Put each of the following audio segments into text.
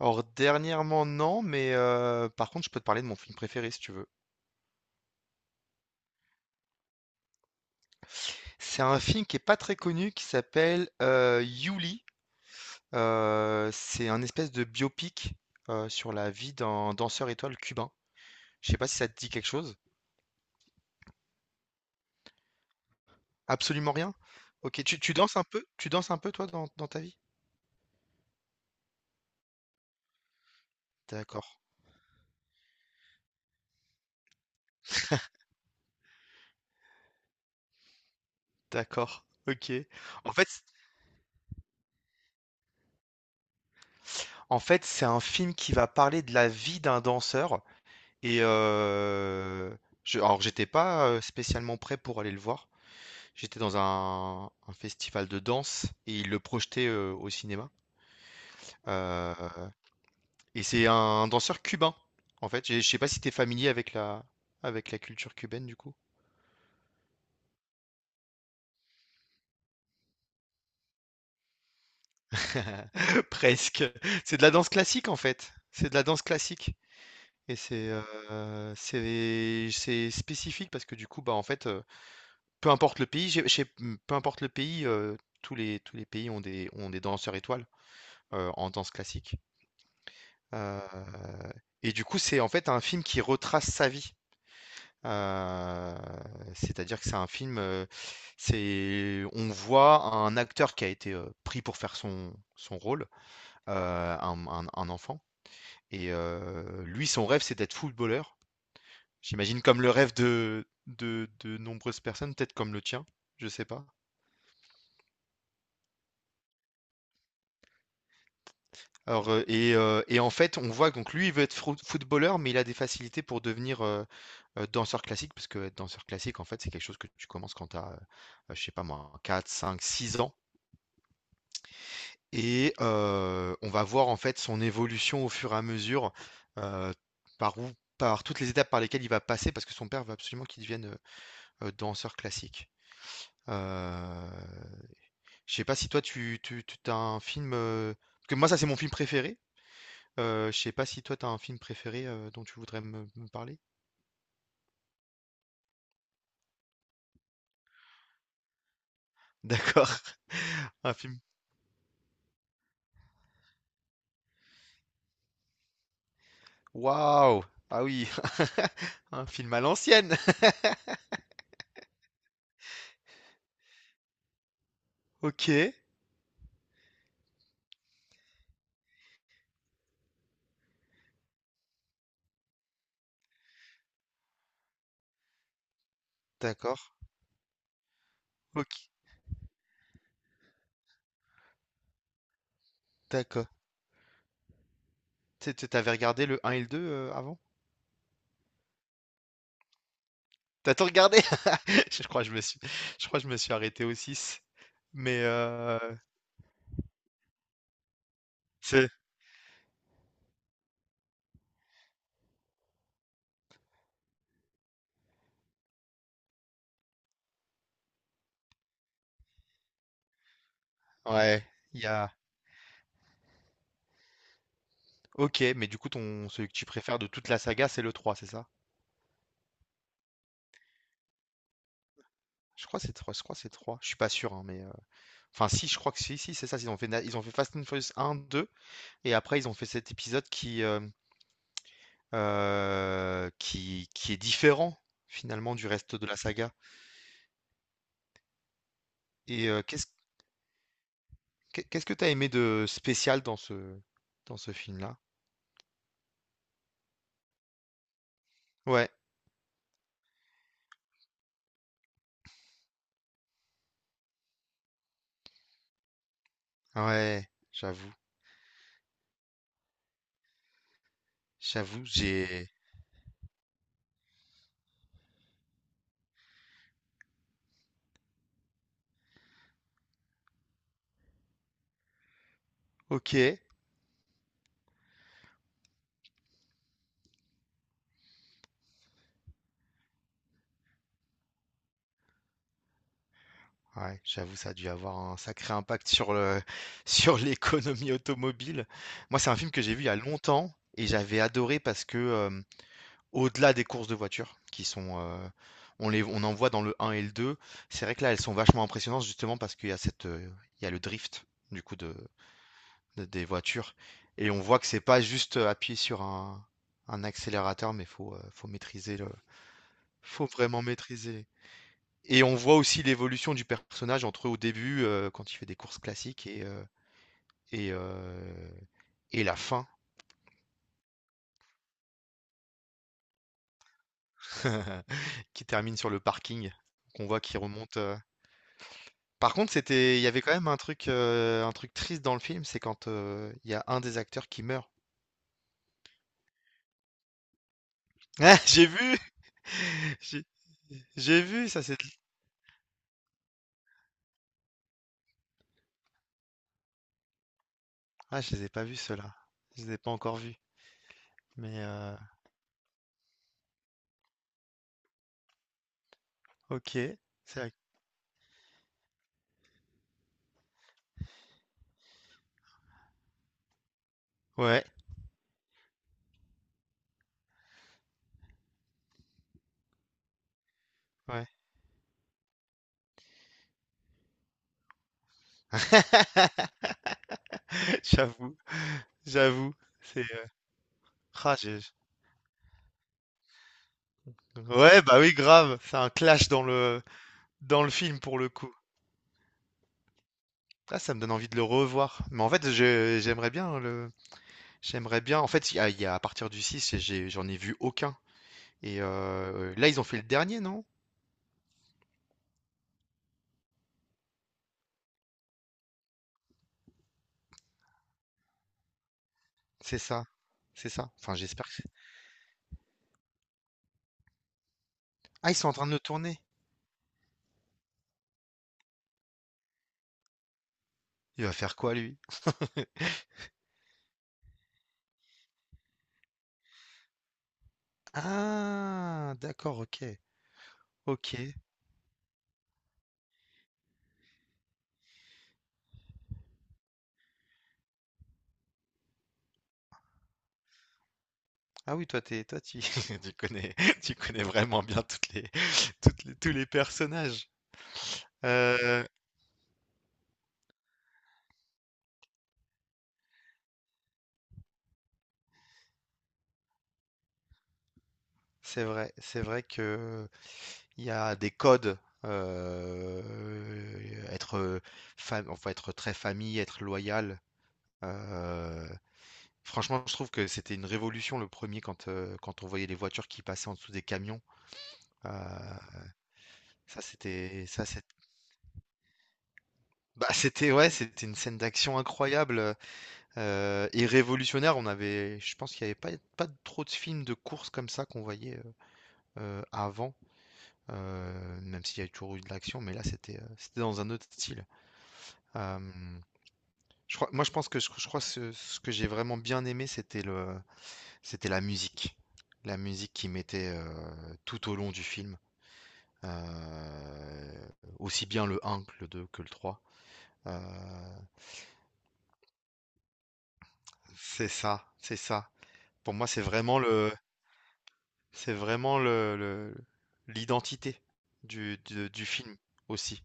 Alors dernièrement, non, mais par contre, je peux te parler de mon film préféré si tu veux. C'est un film qui est pas très connu qui s'appelle, Youli. C'est un espèce de biopic, sur la vie d'un danseur étoile cubain. Je sais pas si ça te dit quelque chose? Absolument rien? OK, tu danses un peu? Tu danses un peu toi dans ta vie? D'accord, d'accord, OK. En fait en fait, c'est un film qui va parler de la vie d'un danseur. Et je, alors j'étais pas spécialement prêt pour aller le voir. J'étais dans un festival de danse et ils le projetaient au cinéma. Euh, et c'est danseur cubain, en fait. Je sais pas si t'es familier avec avec la culture cubaine du coup. Presque. C'est de la danse classique en fait. C'est de la danse classique. Et c'est c'est spécifique parce que du coup bah en fait peu importe le pays, peu importe le pays, tous les pays ont des danseurs étoiles, en danse classique, heu et du coup, c'est en fait un film qui retrace sa vie, heu, c'est-à-dire que c'est un film, c'est on voit un acteur qui a été, pris pour faire son rôle, un enfant et lui, son rêve, c'est d'être footballeur. J'imagine comme le rêve de nombreuses personnes, peut-être comme le tien, je sais pas. Alors, en fait, on voit que donc lui, il veut être frou footballeur, mais il a des facilités pour devenir, danseur classique. Parce que être danseur classique, en fait, c'est quelque chose que tu commences quand tu as, je sais pas moi, quatre cinq six ans et on va voir, en fait, son évolution au fur et à mesure, heu, par où par toutes les étapes par lesquelles il va passer. Parce que son père veut absolument qu'il devienne, danseur classique. Heu, je sais pas si toi, tu un film, parce que moi, ça, c'est mon film préféré. Je sais pas si toi t'as un film préféré dont tu voudrais me parler. D'accord. Un film. Waouh! Ah oui, un film à l'ancienne. Ok. D'accord. Ok. D'accord. T'avais regardé le 1 et le 2 avant? T'as tout regardé? Je crois que je me suis, je crois que je me suis arrêté au 6. Mais c'est. Ouais. Il y a. Ok. Mais du coup, ton celui que tu préfères de toute la saga, c'est le 3, c'est ça? Je crois que c'est 3. Je crois que c'est 3. Je suis pas sûr, hein, mais. Enfin, si, je crois que si, si, c'est ça. Ils ont fait, ils ont fait Fast and Furious un, 2, et après, ils ont fait cet épisode qui est différent, finalement, du reste de la saga. Et qu'est-ce que t'as aimé de spécial dans dans ce film-là? Ouais, ouais, j'avoue, j'avoue, j'ai... Ok, ouais, j'avoue, ça a dû avoir un sacré impact sur le, sur l'économie automobile. Moi, c'est un film que j'ai vu il y a longtemps, et j'avais adoré parce que... au-delà des courses de voitures qui sont, on en voit dans le 1 et le 2. C'est vrai que là, elles sont vachement impressionnantes justement parce qu'il y a cette, il y a le drift du coup de des voitures et on voit que c'est pas juste, appuyer sur un accélérateur, mais faut, faut maîtriser le faut vraiment maîtriser et on voit aussi l'évolution du personnage entre au début, quand il fait des courses classiques et heu et la fin qui termine sur le parking. Qu'on voit qu'il remonte, par contre, c'était il y avait quand même un truc triste dans le film, c'est quand, il y a un des acteurs qui meurt. Ah, j'ai vu! J'ai j'ai vu ça, c'est ah, je les ai pas vus ceux-là. Je les ai pas encore vus, mais OK, c'est vrai ouais, ouais. J'avoue, j'avoue, c'est, ah, j'ai ouais, bah, oui, grave, c'est un clash dans le film, pour le coup. Ah, ça me donne envie de le revoir, mais en fait, je j'aimerais bien le j'aimerais bien. En fait, il y a- à partir du 6, j'en ai vu aucun. Et là, ils ont fait le dernier, non? C'est ça. C'est ça. Enfin, j'espère que c'est- Ah, ils sont en train de le tourner. Il va faire quoi, lui? Ah, d'accord, ok. Ok. Ah oui, toi, tu, tu connais, tu connais vraiment bien toutes les, tous les personnages. Euh, c'est vrai que il y a des codes. euh, être, enfin, être très famille, être loyal. euh, Franchement, je trouve que c'était une révolution le premier quand, quand on voyait les voitures qui passaient en dessous des camions. Euh, ça, c'est- bah, c'était, ouais, c'était une scène d'action incroyable et révolutionnaire. Je pense qu'il n'y avait pas trop de films de course comme ça qu'on voyait avant, même s'il y a toujours eu de l'action, mais là, c'était dans un autre style. Euh, je pense que je crois ce que j'ai vraiment bien aimé, c'était la musique. La musique qui mettait tout au long du film. Euh, aussi bien le un, que le 2 que le trois. Euh, c'est ça, c'est ça. Pour moi, c'est vraiment l'identité du film aussi.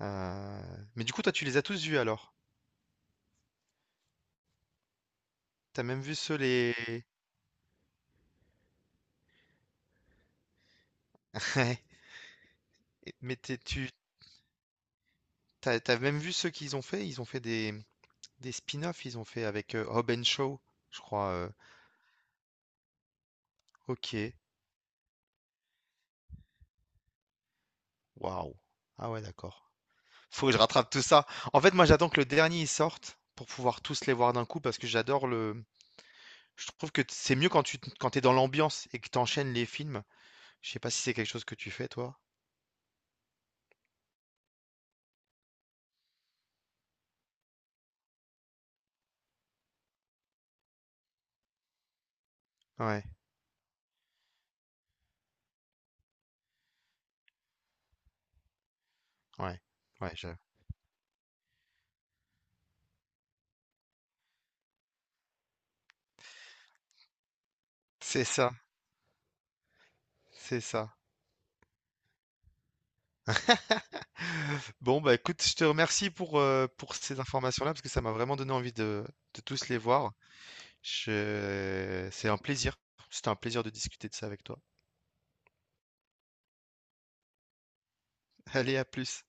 Euh, mais du coup, toi, tu les as tous vus alors? T'as même vu ceux les. Ouais. Mais t'as, t'as même vu ceux qu'ils ont fait? Ils ont fait des spin-offs. Ils ont fait avec Hobbs and Shaw, je crois. Ok. Waouh. Ah ouais, d'accord. Faut que je rattrape tout ça. En fait, moi, j'attends que le dernier il sorte pour pouvoir tous les voir d'un coup parce que j'adore le. Je trouve que c'est mieux quand tu quand t'es dans l'ambiance et que t'enchaînes les films. Je sais pas si c'est quelque chose que tu fais, toi. Ouais, ouais, ouais, je- C'est ça, c'est ça. Bon, bah écoute, je te remercie pour ces informations-là parce que ça m'a vraiment donné envie de tous les voir. Je... C'est un plaisir. C'était un plaisir de discuter de ça avec toi. Allez, à plus.